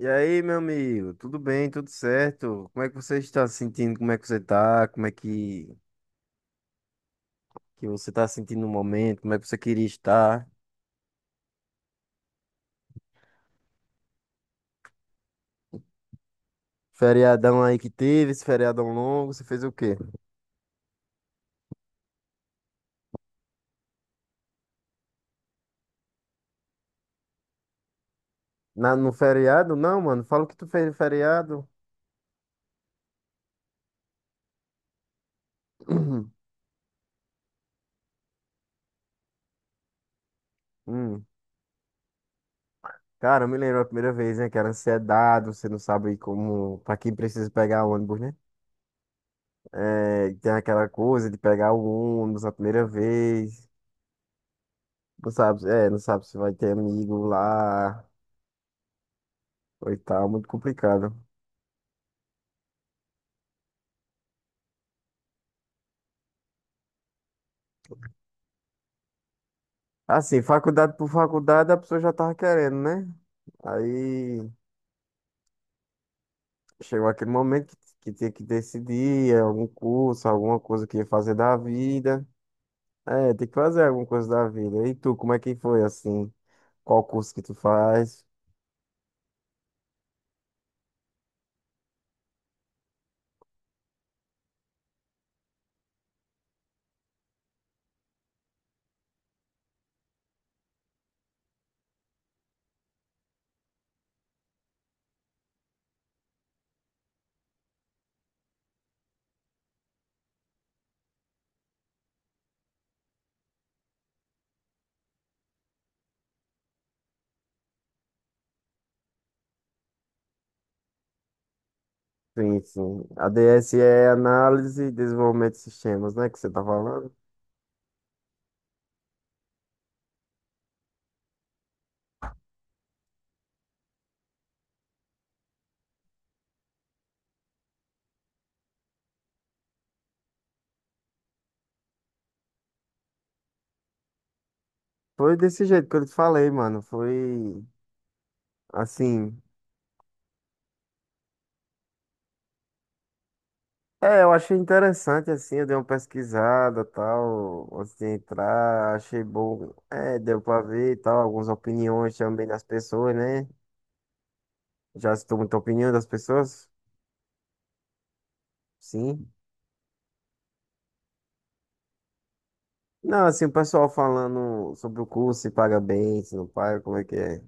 E aí, meu amigo, tudo bem, tudo certo? Como é que você está se sentindo? Como é que você está? Como é que você está se sentindo no momento? Como é que você queria estar? Feriadão aí que teve, esse feriadão longo, você fez o quê? No feriado? Não, mano, fala o que tu fez no feriado. Hum. Cara, eu me lembro a primeira vez, né, que era ansiedade, você não sabe como, pra quem precisa pegar ônibus, né? É, tem aquela coisa de pegar o ônibus a primeira vez, não sabe se vai ter amigo lá. Oitava, muito complicado. Assim, faculdade por faculdade, a pessoa já tava querendo, né? Aí chegou aquele momento que tinha que decidir algum curso, alguma coisa que ia fazer da vida. É, tem que fazer alguma coisa da vida. E tu, como é que foi assim? Qual curso que tu faz? Sim, sim. ADS é análise e desenvolvimento de sistemas, né? Que você tá falando. Foi desse jeito que eu te falei, mano. Foi assim. É, eu achei interessante, assim, eu dei uma pesquisada, tal, antes de entrar, achei bom, deu pra ver, e tal, algumas opiniões também das pessoas, né? Já citou muita opinião das pessoas? Sim. Não, assim, o pessoal falando sobre o curso, se paga bem, se não paga, como é que é?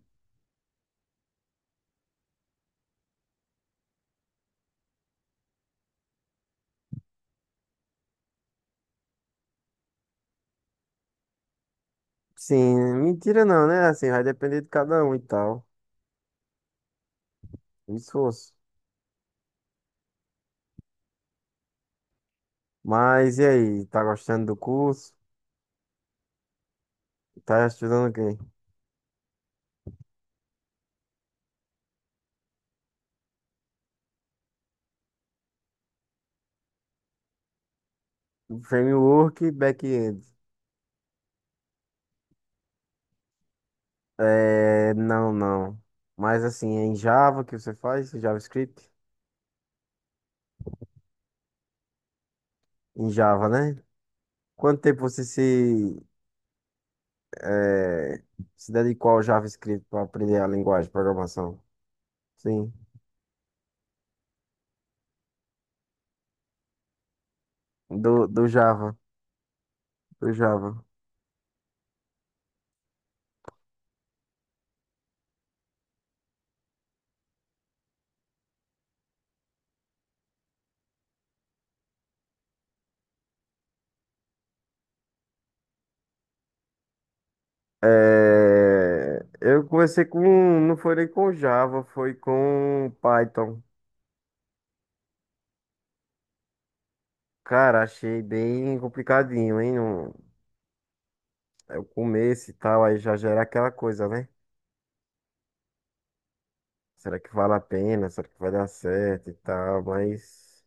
Sim, mentira não, né? Assim, vai depender de cada um e tal, o esforço. Mas e aí, tá gostando do curso? Tá estudando o quê? Framework, e back-end. É, não, não. Mas assim, é em Java que você faz, em JavaScript? Em Java, né? Quanto tempo você se, eh, se dedicou ao JavaScript para aprender a linguagem de programação? Sim, do Java, do Java. Eu comecei com, não foi nem com Java, foi com Python. Cara, achei bem complicadinho, hein? Não- É o começo e tal, aí já gera aquela coisa, né? Será que vale a pena? Será que vai dar certo e tal?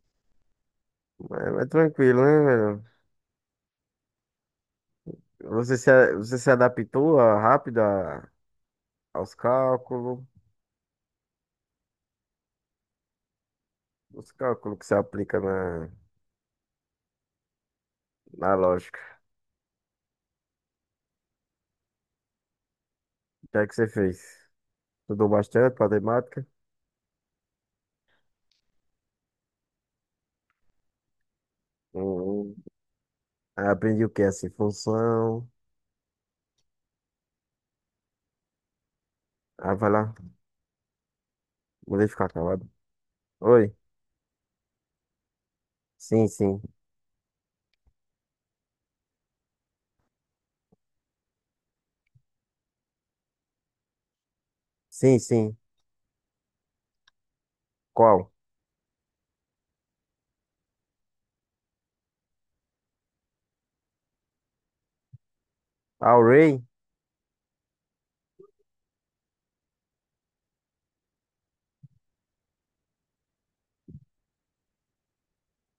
Mas é tranquilo, né, velho? Você se, você se adaptou rápido a- aos cálculos, os cálculos que você aplica na, na lógica. O que é que você fez? Estudou bastante matemática? Uhum. Aí aprendi o que? Assim, função. Ah, vai lá. Vou ficar calado. Oi? Sim, sim. Sim, sim. Qual? Array?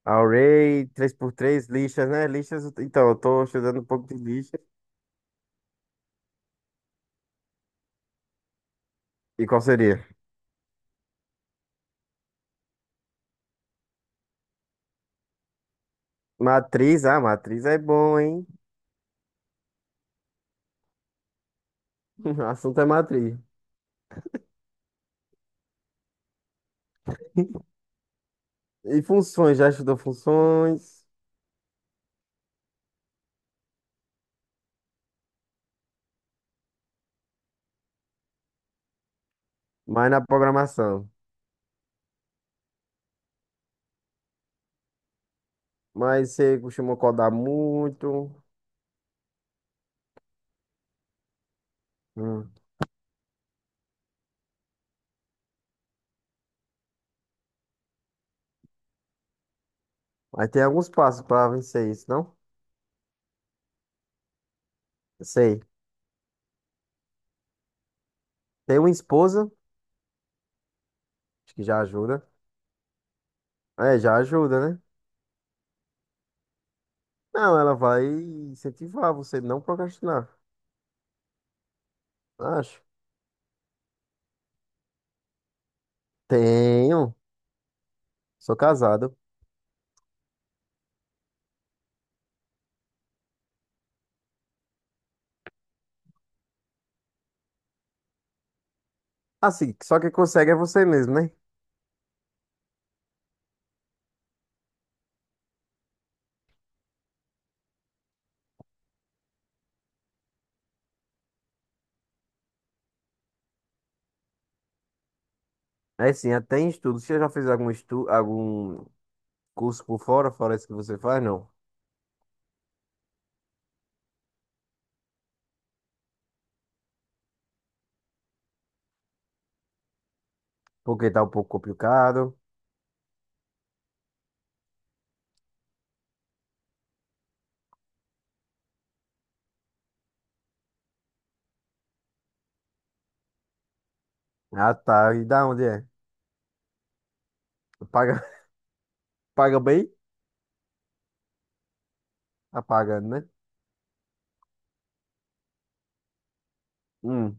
Array três por três lixas, né? Lixas, então, eu tô estudando um pouco de E qual seria? Matriz, ah, matriz é bom, hein? O assunto é matriz. E funções, já estudou funções, mas na programação. Mas você costuma codar muito. Hum. Aí tem alguns passos para vencer isso, não? Sei. Tem uma esposa, acho que já ajuda. É, já ajuda, né? Não, ela vai incentivar você não procrastinar. Acho. Tenho. Sou casado. Assim, só quem consegue é você mesmo, né? É sim, até em estudos. Você já fez algum estudo, algum curso por fora, fora isso que você faz, não. Porque tá um pouco complicado. Ah, tá. E da onde é? Paga, paga bem? Tá pagando, né? Hum.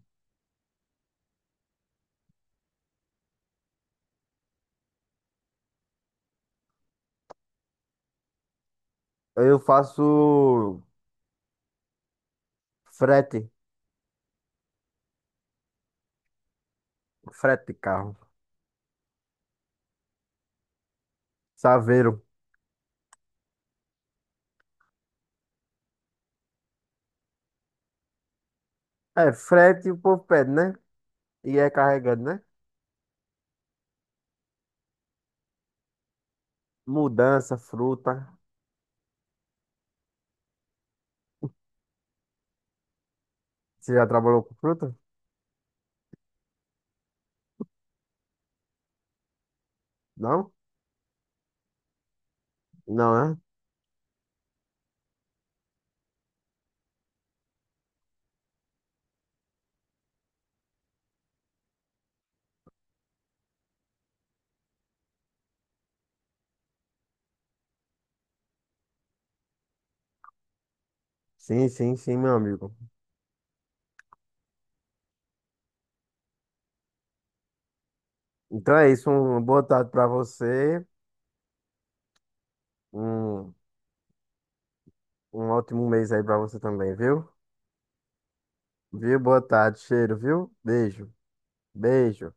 Eu faço frete. Frete de carro. Saveiro. É, frete o povo pede, né? E é carregando né? Mudança, fruta. Você já trabalhou com fruta? Não? Não, né? Sim, sim, sim, meu amigo. Então é isso. Uma boa tarde pra você. Um, um ótimo mês aí pra você também, viu? Viu? Boa tarde, cheiro, viu? Beijo, beijo.